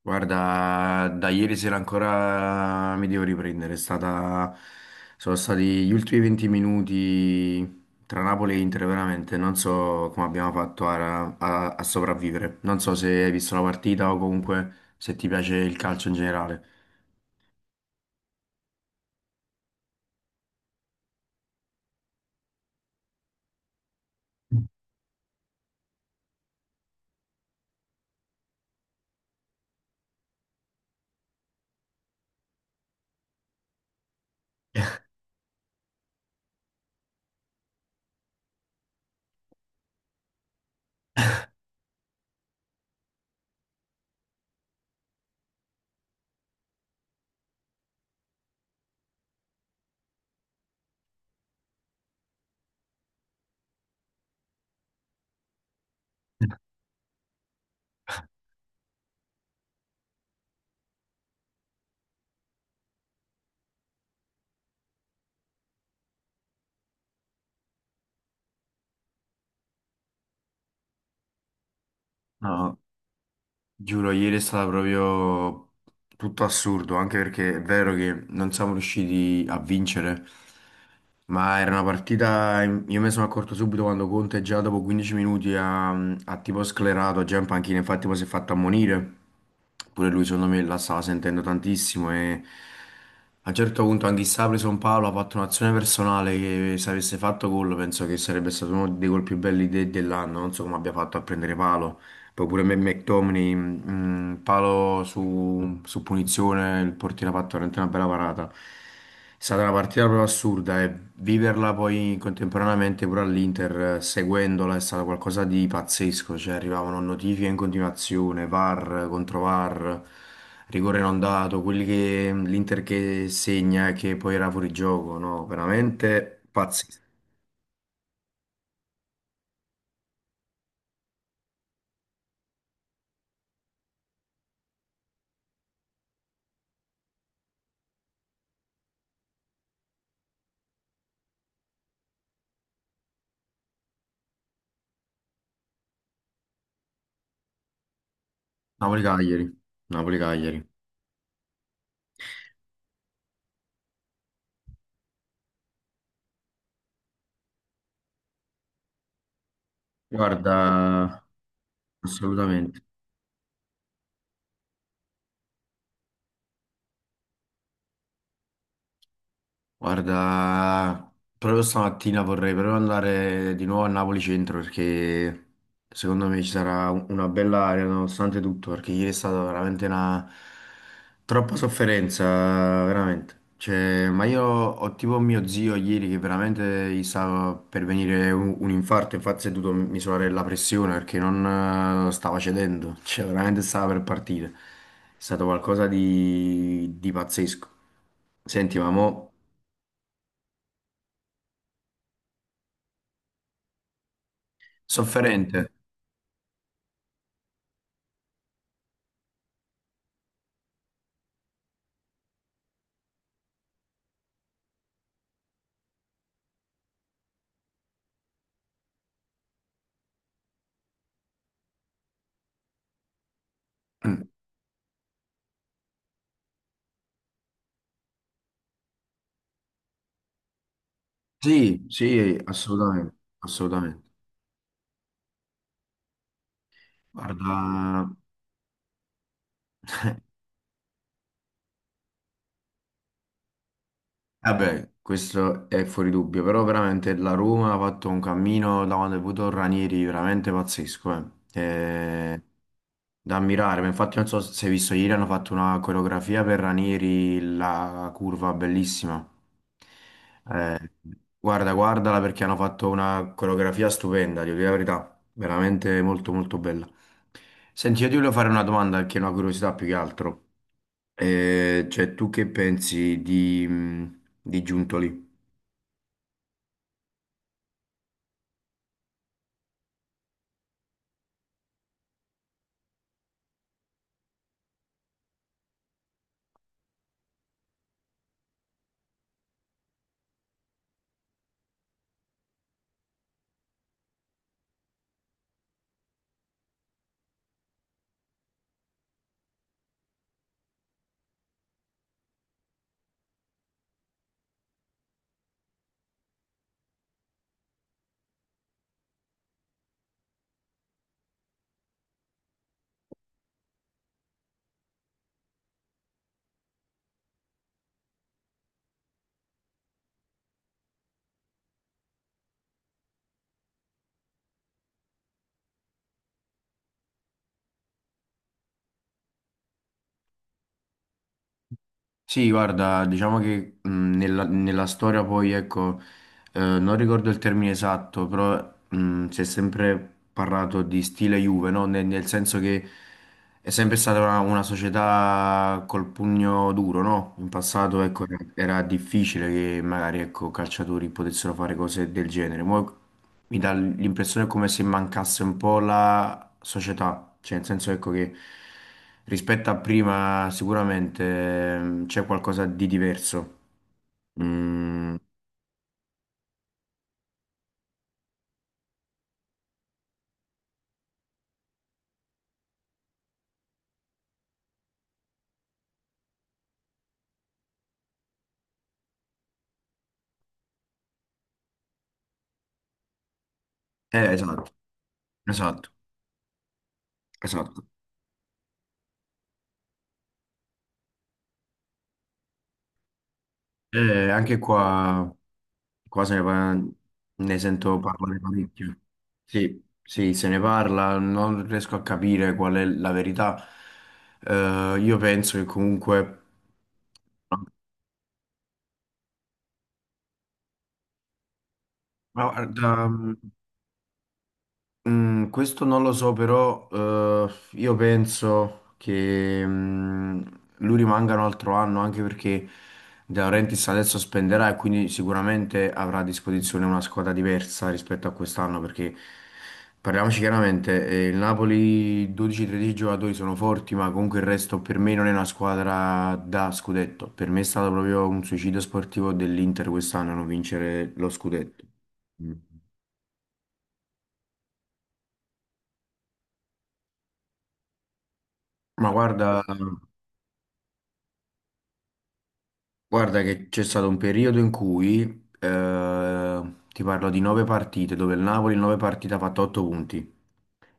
Guarda, da ieri sera ancora mi devo riprendere. Sono stati gli ultimi 20 minuti tra Napoli e Inter, veramente. Non so come abbiamo fatto a sopravvivere. Non so se hai visto la partita o comunque se ti piace il calcio in generale. No. Giuro, ieri è stato proprio tutto assurdo, anche perché è vero che non siamo riusciti a vincere, ma era una partita, io me ne sono accorto subito quando Conte già dopo 15 minuti ha tipo sclerato, già in panchina, infatti poi si è fatto ammonire, pure lui secondo me la stava sentendo tantissimo e a un certo punto anche Issa ha preso un palo, ha fatto un'azione personale che se avesse fatto gol penso che sarebbe stato uno dei gol più belli dell'anno, non so come abbia fatto a prendere palo. Poi pure McTominay, palo su punizione, il portiere ha fatto veramente una bella parata. È stata una partita proprio assurda e viverla poi contemporaneamente pure all'Inter, seguendola, è stato qualcosa di pazzesco. Cioè arrivavano notifiche in continuazione, VAR contro VAR, rigore non dato, quelli che l'Inter che segna e che poi era fuori gioco, no? Veramente pazzesco. Napoli-Cagliari, Napoli-Cagliari. Guarda, assolutamente. Guarda, proprio stamattina vorrei proprio andare di nuovo a Napoli Centro perché secondo me ci sarà una bella aria nonostante tutto, perché ieri è stata veramente una troppa sofferenza, veramente. Cioè, ma io ho tipo mio zio ieri che veramente gli stava per venire un infarto, infatti si è dovuto misurare la pressione perché non stava cedendo, cioè veramente stava per partire. È stato qualcosa di pazzesco. Senti, ma mo... Sofferente. Mm. Sì, sì, assolutamente, assolutamente. Guarda, vabbè, questo è fuori dubbio, però veramente la Roma ha fatto un cammino da quando è venuto Ranieri veramente pazzesco, eh. Da ammirare, ma infatti non so se hai visto ieri hanno fatto una coreografia per Ranieri, la curva bellissima. Eh, Guarda, guardala perché hanno fatto una coreografia stupenda, devo dire la verità, veramente molto molto bella. Senti, io ti volevo fare una domanda che è una curiosità più che altro. Cioè, tu che pensi di Giuntoli? Sì, guarda, diciamo che nella storia poi, ecco, non ricordo il termine esatto, però si è sempre parlato di stile Juve, no? Nel senso che è sempre stata una società col pugno duro, no? In passato, ecco, era difficile che magari, ecco, calciatori potessero fare cose del genere. Mo mi dà l'impressione come se mancasse un po' la società, cioè nel senso ecco che rispetto a prima sicuramente c'è qualcosa di diverso. Mm. Esatto, esatto, esatto. Anche qua, qua se ne, par- ne sento parlare parecchio. Sì, sì, se ne parla, non riesco a capire qual è la verità. Io penso che comunque... No, ma guarda, questo non lo so, però io penso che lui rimanga un altro anno anche perché De Laurentiis adesso spenderà e quindi sicuramente avrà a disposizione una squadra diversa rispetto a quest'anno perché parliamoci chiaramente, il Napoli 12-13 giocatori sono forti, ma comunque il resto per me non è una squadra da scudetto. Per me è stato proprio un suicidio sportivo dell'Inter quest'anno non vincere lo scudetto. Mm. Ma vabbè, guarda, questo. Guarda che c'è stato un periodo in cui, ti parlo di nove partite, dove il Napoli in nove partite ha fatto otto punti.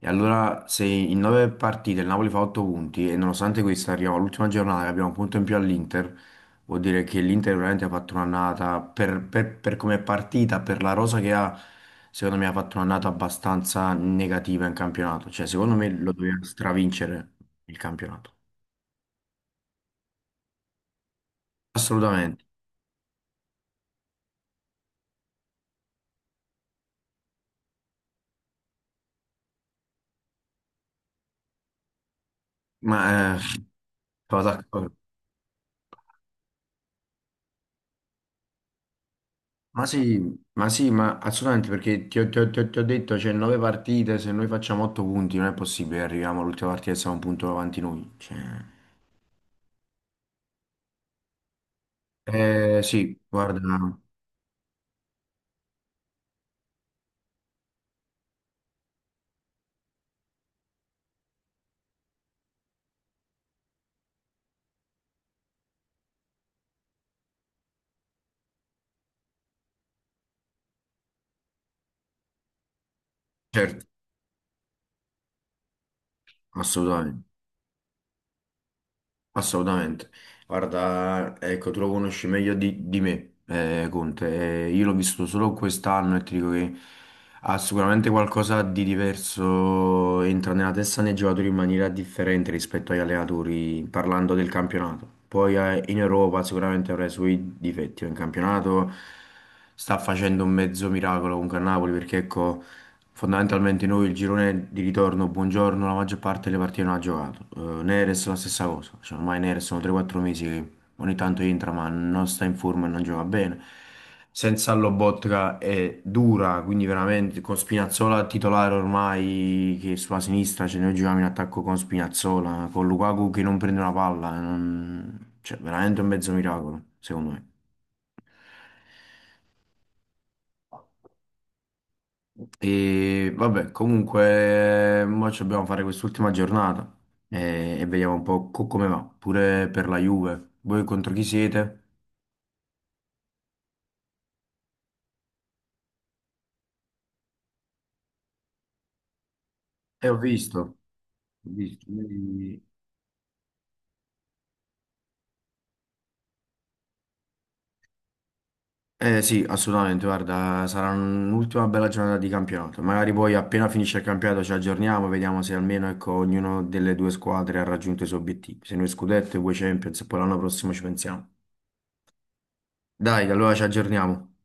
E allora se in nove partite il Napoli fa otto punti e nonostante questo arriviamo all'ultima giornata che abbiamo un punto in più all'Inter, vuol dire che l'Inter veramente ha fatto un'annata, per come è partita, per la rosa che ha, secondo me ha fatto un'annata abbastanza negativa in campionato. Cioè secondo me lo doveva stravincere il campionato. Assolutamente. Ma... sono d'accordo. Ma sì, ma sì, ma assolutamente perché ti ho detto, c'è nove partite, se noi facciamo otto punti non è possibile, arriviamo all'ultima partita e siamo un punto avanti noi. Cioè. Eh sì, guarda, certo, assolutamente, assolutamente. Guarda, ecco, tu lo conosci meglio di me, Conte, io l'ho visto solo quest'anno e ti dico che... Ha sicuramente qualcosa di diverso, entra nella testa dei giocatori in maniera differente rispetto agli allenatori, parlando del campionato. Poi in Europa sicuramente avrà i suoi difetti, ma in campionato sta facendo un mezzo miracolo comunque a Napoli, perché ecco, fondamentalmente noi il girone di ritorno, buongiorno, la maggior parte delle partite non ha giocato. Neres la stessa cosa, cioè, ormai Neres sono 3-4 mesi. Ogni tanto entra, ma non sta in forma e non gioca bene. Senza Lobotka è dura, quindi veramente con Spinazzola titolare ormai, che sulla sinistra ce noi giochiamo in attacco con Spinazzola, con Lukaku che non prende una palla, cioè veramente un mezzo miracolo, secondo me. E vabbè, comunque, mo ci dobbiamo fare quest'ultima giornata e vediamo un po' come va, pure per la Juve. Voi contro chi siete? E ho visto, ho visto. Eh sì, assolutamente, guarda, sarà un'ultima bella giornata di campionato. Magari poi appena finisce il campionato ci aggiorniamo, vediamo se almeno ecco, ognuno delle due squadre ha raggiunto i suoi obiettivi. Se noi scudetto e voi Champions, e poi l'anno prossimo ci pensiamo. Dai, allora ci aggiorniamo.